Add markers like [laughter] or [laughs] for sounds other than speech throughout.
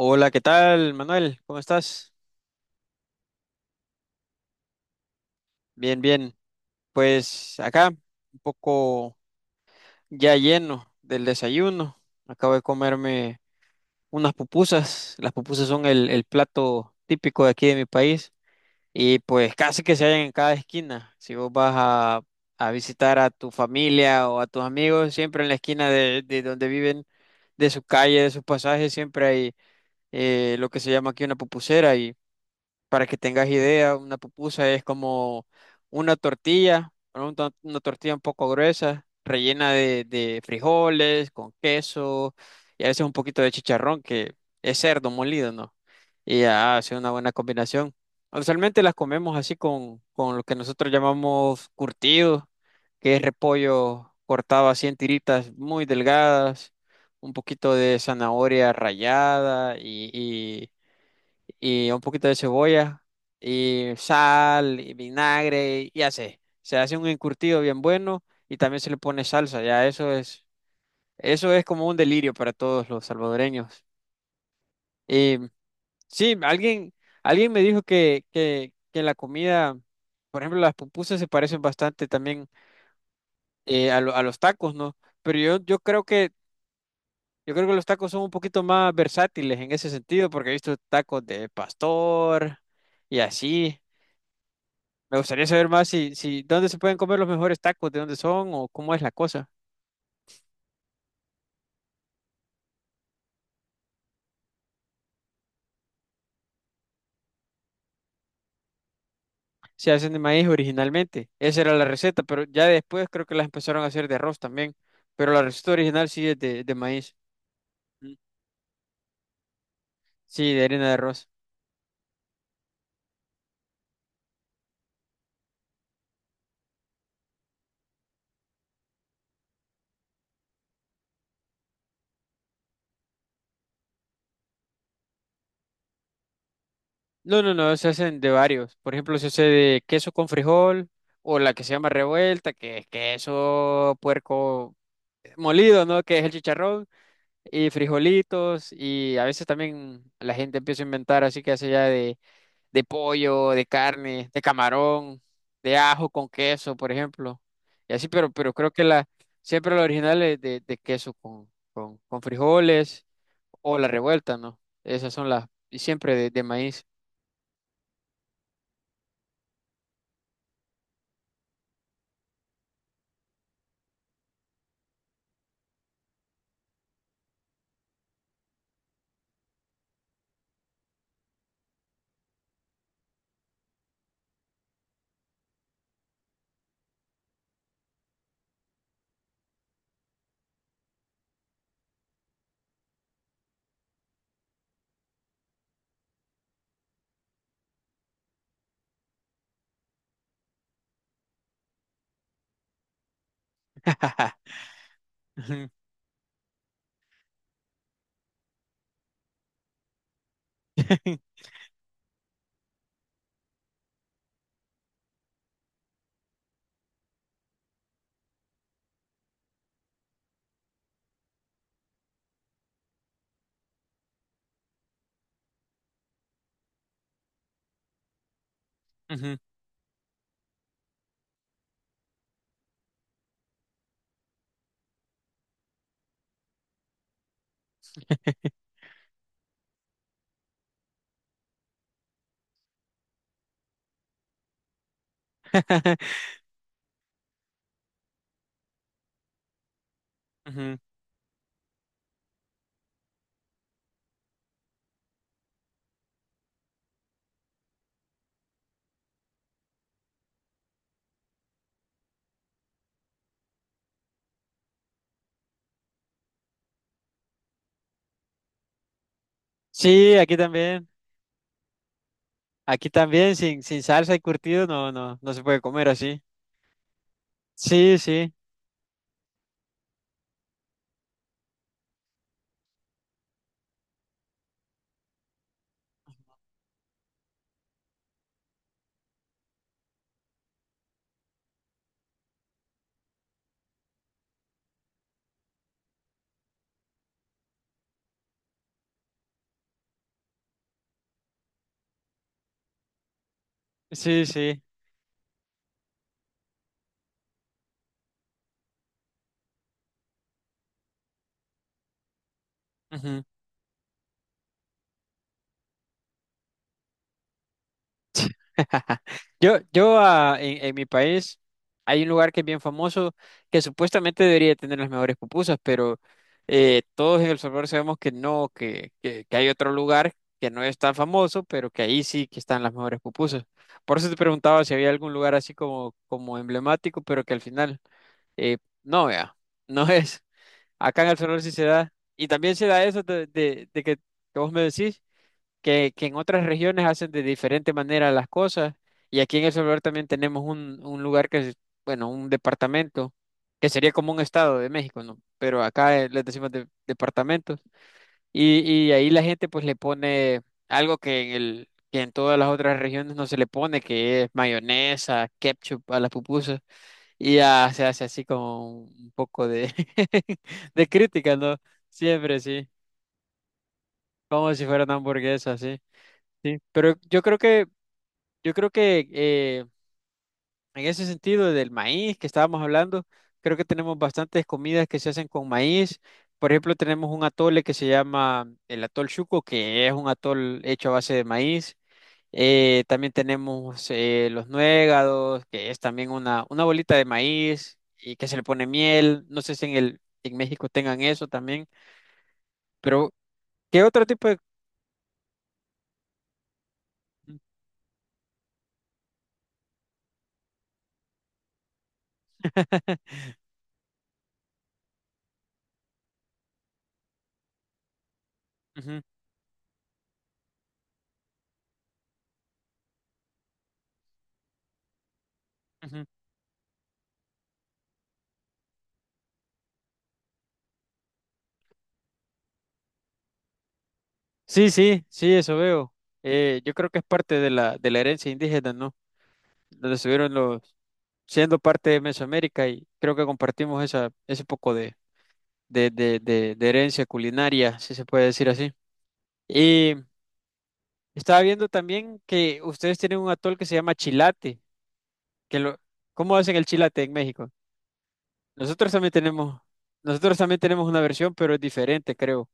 Hola, ¿qué tal, Manuel? ¿Cómo estás? Bien, bien. Pues acá, un poco ya lleno del desayuno. Acabo de comerme unas pupusas. Las pupusas son el plato típico de aquí de mi país, y pues casi que se hallan en cada esquina. Si vos vas a visitar a tu familia o a tus amigos, siempre en la esquina de donde viven, de su calle, de sus pasajes, siempre hay lo que se llama aquí una pupusera. Para que tengas idea, una pupusa es como una tortilla, ¿no? Una tortilla un poco gruesa, rellena de frijoles, con queso y a veces un poquito de chicharrón, que es cerdo molido, ¿no? Y ya hace una buena combinación. Usualmente las comemos así con lo que nosotros llamamos curtido, que es repollo cortado así en tiritas muy delgadas, un poquito de zanahoria rallada y un poquito de cebolla y sal y vinagre y así. Se hace un encurtido bien bueno y también se le pone salsa, ya eso es como un delirio para todos los salvadoreños. Y sí, alguien me dijo que la comida, por ejemplo, las pupusas se parecen bastante también, a los tacos, ¿no? Pero yo creo que, yo creo que los tacos son un poquito más versátiles en ese sentido, porque he visto tacos de pastor y así. Me gustaría saber más si dónde se pueden comer los mejores tacos, de dónde son o cómo es la cosa. Se hacen de maíz originalmente. Esa era la receta, pero ya después creo que las empezaron a hacer de arroz también. Pero la receta original sí es de maíz. Mm. Sí, de harina de arroz. No, se hacen de varios. Por ejemplo, se hace de queso con frijol o la que se llama revuelta, que es queso puerco, molido, ¿no? Que es el chicharrón y frijolitos, y a veces también la gente empieza a inventar, así que hace ya de pollo, de carne, de camarón, de ajo con queso, por ejemplo. Y así, pero creo que la, siempre la original es de queso con frijoles, o la revuelta, ¿no? Esas son las, y siempre de maíz. [laughs] Ujú, ujú, [laughs] ujú. Sí, aquí también. Aquí también, sin salsa y curtido, no se puede comer así. Sí, sí, sí, sí. Ujú. [laughs] En mi país hay un lugar que es bien famoso, que supuestamente debería tener las mejores pupusas, pero todos en El Salvador sabemos que no, que hay otro lugar que no es tan famoso, pero que ahí sí que están las mejores pupusas. Por eso te preguntaba si había algún lugar así como, como emblemático, pero que al final, eh, no, vea, [laughs] no es. Acá en El Salvador sí se da. Y también se da eso de que vos me decís que en otras regiones hacen de diferente manera las cosas. Y aquí en El Salvador también tenemos un lugar que es, bueno, un departamento, que sería como un estado de México, ¿no? Pero acá, les decimos departamentos. Y, y ahí la gente pues le pone algo que en que en todas las otras regiones no se le pone, que es mayonesa, ketchup a las pupusas. Y ya se hace así como un poco de, [laughs] de crítica, ¿no? Siempre, sí. Como si fuera una hamburguesa, sí. Sí. Pero yo creo que, yo creo que, en ese sentido del maíz que estábamos hablando, creo que tenemos bastantes comidas que se hacen con maíz. Por ejemplo, tenemos un atole que se llama el atol chuco, que es un atol hecho a base de maíz. También tenemos, los nuegados, que es también una bolita de maíz y que se le pone miel. No sé si en el, en México tengan eso también, pero ¿qué otro tipo de... [laughs] Ujú, ujú. Sí, sí, sí, eso veo. Yo creo que es parte de la herencia indígena, ¿no? Donde estuvieron los, siendo parte de Mesoamérica, y creo que compartimos esa, ese poco de herencia culinaria, si se puede decir así. Y estaba viendo también que ustedes tienen un atol que se llama chilate, que lo, ¿cómo hacen el chilate en México? Nosotros también tenemos, nosotros también tenemos una versión, pero es diferente, creo.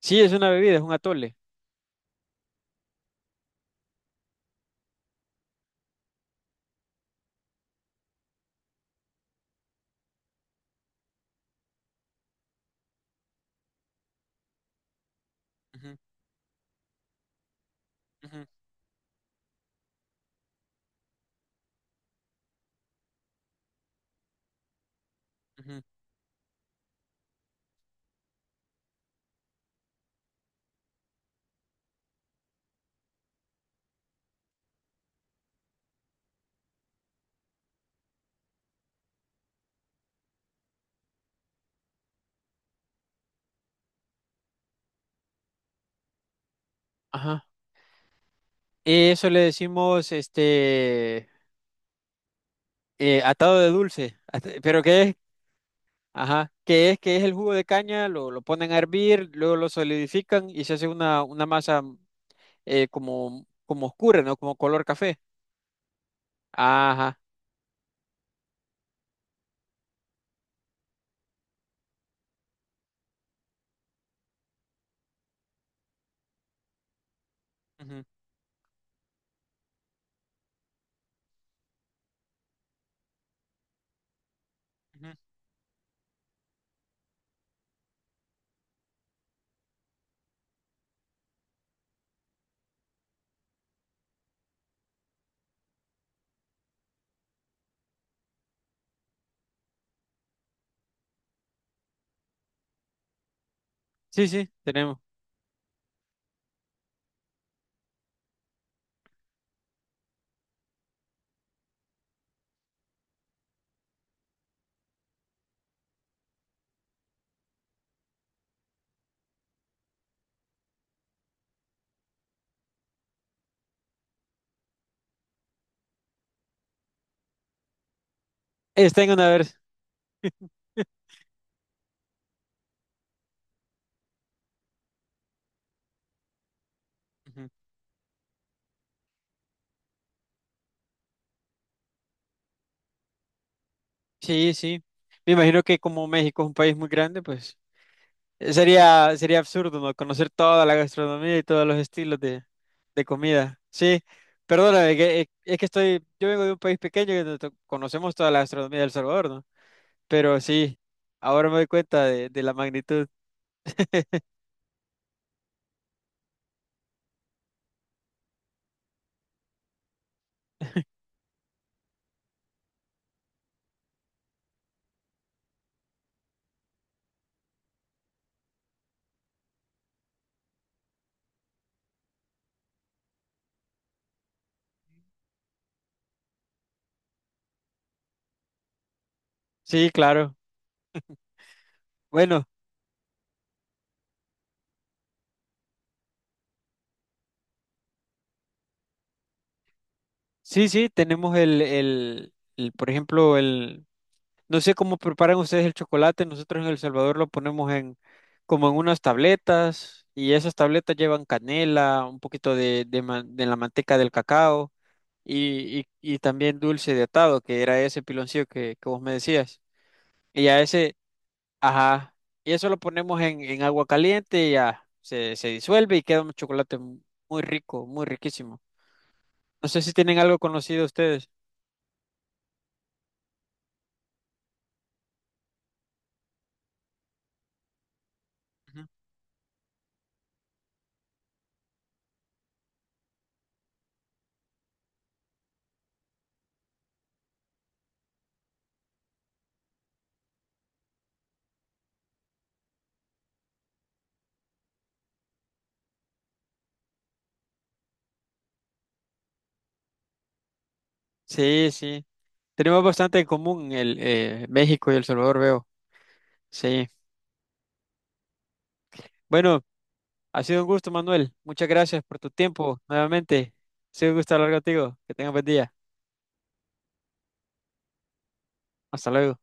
Sí, es una bebida, es un atole. Ujú, ujú, ujú. Ajá. Eso le decimos, este, atado de dulce. [laughs] At- ¿Pero qué es? Ajá, ¿qué es? ¿Qué es el jugo de caña? Lo ponen a hervir, luego lo solidifican y se hace una masa, como, como oscura, ¿no? Como color café. Ajá. Ujú, ujú. Sí, sí, tenemos. Está en una versión. Ujú. Sí, sí. Me imagino que como México es un país muy grande, pues, sería absurdo, ¿no? Conocer toda la gastronomía y todos los estilos de comida. Sí, perdóname, es que estoy, yo vengo de un país pequeño que no to- conocemos toda la gastronomía del Salvador, ¿no? Pero sí, ahora me doy cuenta de la magnitud. Sí, claro. Bueno, sí, sí, tenemos por ejemplo, el, no sé cómo preparan ustedes el chocolate. Nosotros en El Salvador lo ponemos en como en unas tabletas, y esas tabletas llevan canela, un poquito de la manteca del cacao y también dulce de atado, que era ese piloncillo que vos me decías. Y a ese, ajá, y eso lo ponemos en agua caliente y ya se disuelve y queda un chocolate muy rico, muy riquísimo. No sé si tienen algo conocido ustedes. Ujú. Sí, sí. Tenemos bastante en común, el México y El Salvador, veo. Sí. Bueno, ha sido un gusto, Manuel. Muchas gracias por tu tiempo nuevamente. Ha sido un gusto hablar contigo. Que tengas buen día. Hasta luego.